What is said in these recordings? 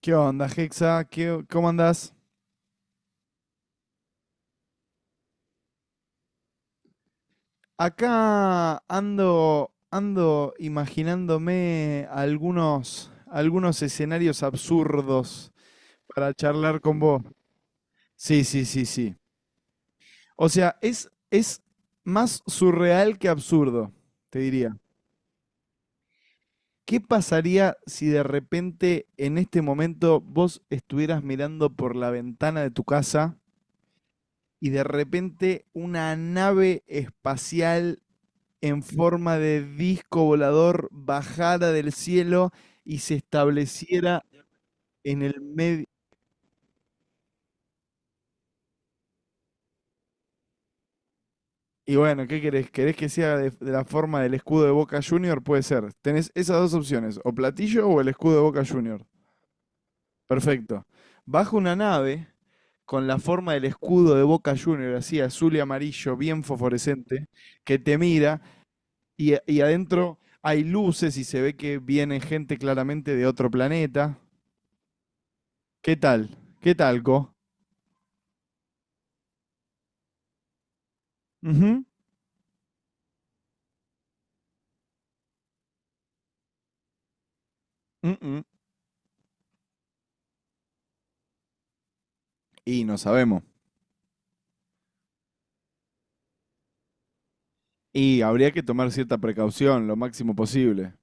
¿Qué onda, Hexa? ¿Qué, cómo andás? Acá ando, ando imaginándome algunos escenarios absurdos para charlar con vos. Sí, sí, sí, sí. O sea, es más surreal que absurdo, te diría. ¿Qué pasaría si de repente en este momento vos estuvieras mirando por la ventana de tu casa y de repente una nave espacial en forma de disco volador bajara del cielo y se estableciera en el medio? Y bueno, ¿qué querés? ¿Querés que sea de la forma del escudo de Boca Junior? Puede ser. Tenés esas dos opciones, o platillo o el escudo de Boca Junior. Perfecto. Baja una nave con la forma del escudo de Boca Junior, así azul y amarillo, bien fosforescente, que te mira y adentro hay luces y se ve que viene gente claramente de otro planeta. ¿Qué tal? ¿Qué tal, Co? Ujú. Mm-mm. Y no sabemos. Y habría que tomar cierta precaución, lo máximo posible.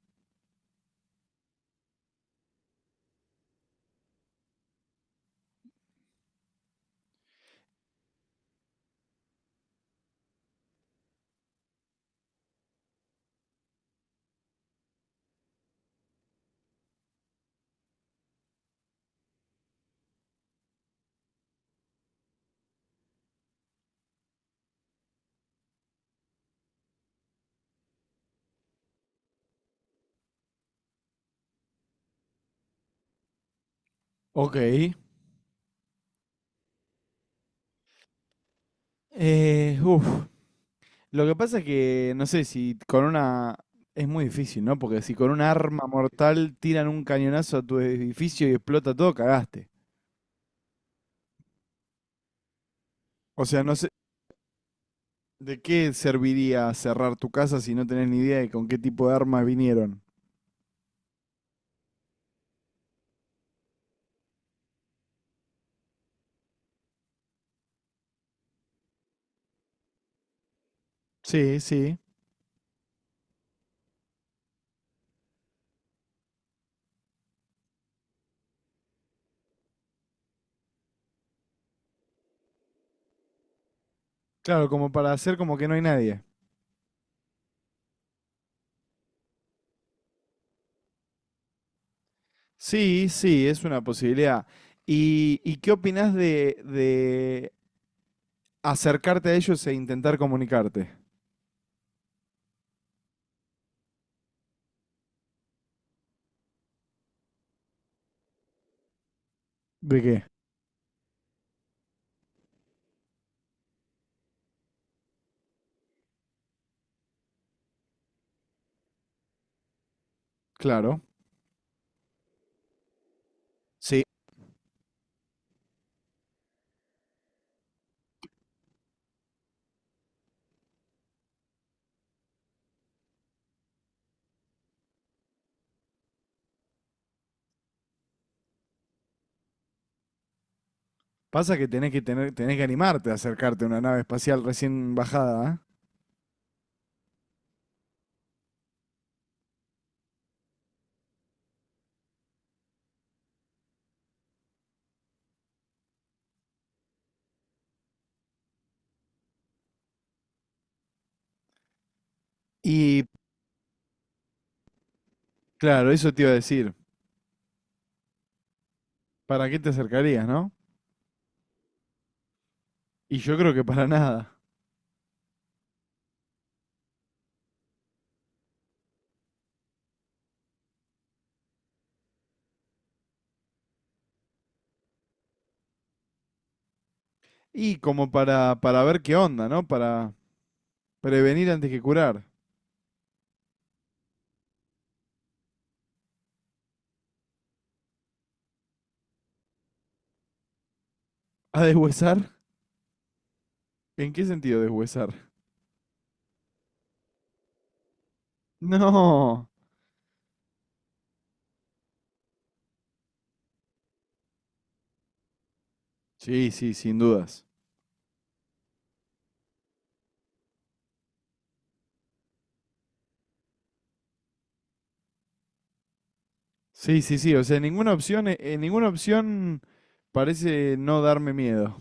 Ok. Uf. Lo que pasa es que, no sé, si con una... Es muy difícil, ¿no? Porque si con un arma mortal tiran un cañonazo a tu edificio y explota todo, cagaste. O sea, no sé, ¿de qué serviría cerrar tu casa si no tenés ni idea de con qué tipo de armas vinieron? Sí, sí. Claro, como para hacer como que no hay nadie. Sí, sí, es una posibilidad. Y qué opinás de acercarte a ellos e intentar comunicarte? ¿De qué? Claro. Sí. Pasa que tenés que tener, tenés que animarte a acercarte a una nave espacial recién bajada, ¿eh? Y claro, eso te iba a decir. ¿Para qué te acercarías, no? Y yo creo que para nada. Y como para ver qué onda, ¿no? Para prevenir antes que curar. ¿A deshuesar? ¿En qué sentido deshuesar? No. Sí, sí, sin dudas. Sí, sí, sí. O sea, ninguna opción parece no darme miedo.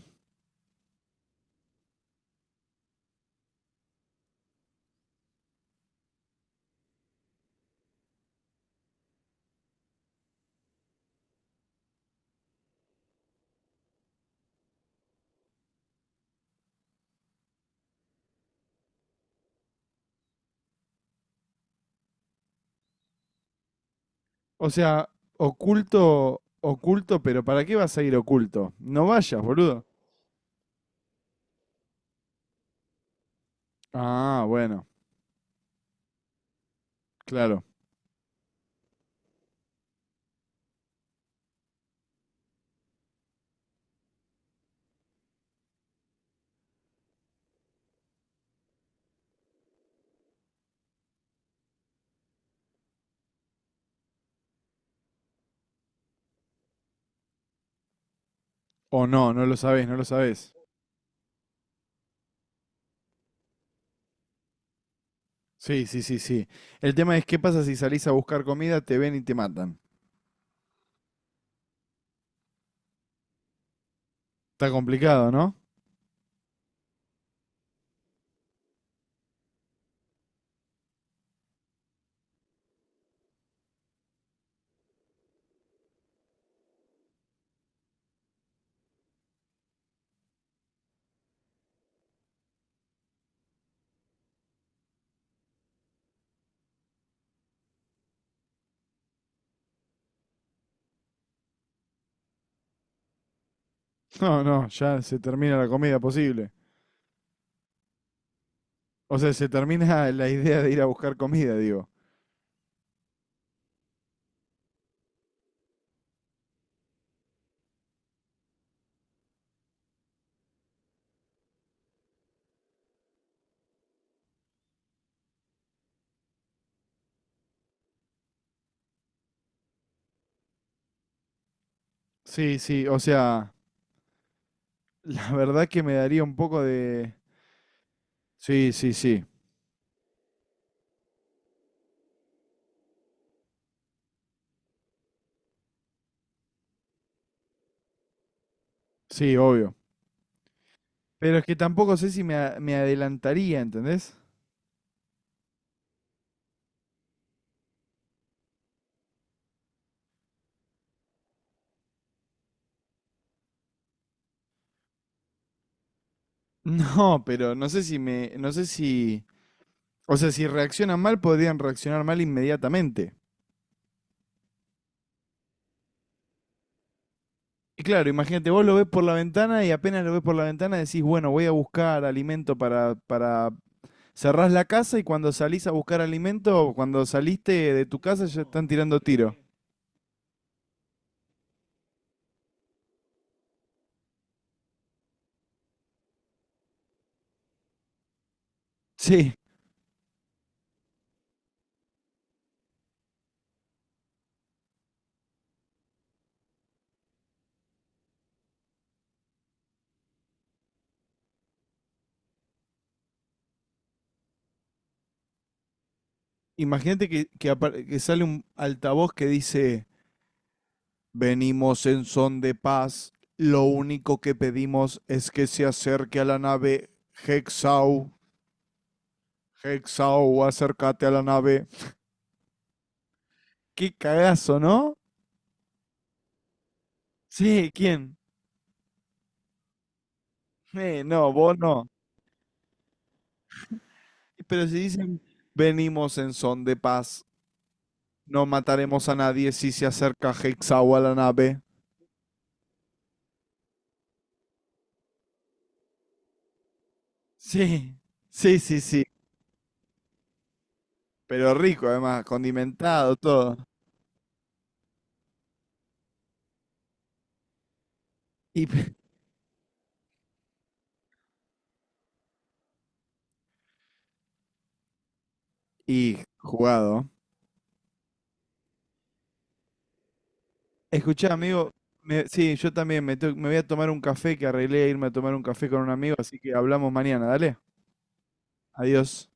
O sea, oculto, oculto, pero ¿para qué vas a ir oculto? No vayas, boludo. Ah, bueno, claro. O no, no lo sabés, no lo sabés. Sí, sí, sí, sí. El tema es qué pasa si salís a buscar comida, te ven y te matan. Está complicado, ¿no? No, no, ya se termina la comida posible. O sea, se termina la idea de ir a buscar comida, digo. Sí, sí, o sea, la verdad que me daría un poco de, Sí, sí, sí. Sí, obvio. Pero es que tampoco sé si me, a- me adelantaría, ¿entendés? No, pero no sé si me, no sé si, o sea, si reaccionan mal, podrían reaccionar mal inmediatamente. Y claro, imagínate, vos lo ves por la ventana y apenas lo ves por la ventana decís, bueno, voy a buscar alimento cerrás la casa y cuando salís a buscar alimento, cuando saliste de tu casa ya están tirando tiro. Sí. Imagínate que que sale un altavoz que dice, venimos en son de paz. Lo único que pedimos es que se acerque a la nave Hexau. Hexau, acércate a la nave. Qué cagazo, ¿no? Sí, ¿quién? No, vos no. Pero si dicen, venimos en son de paz. No mataremos a nadie si se acerca Hexau a la nave. Sí, sí, sí, sí. Pero rico, además, condimentado, todo. Y, y jugado. Escuchá, amigo, sí, yo también me voy a tomar un café que arreglé irme a tomar un café con un amigo, así que hablamos mañana, dale. Adiós.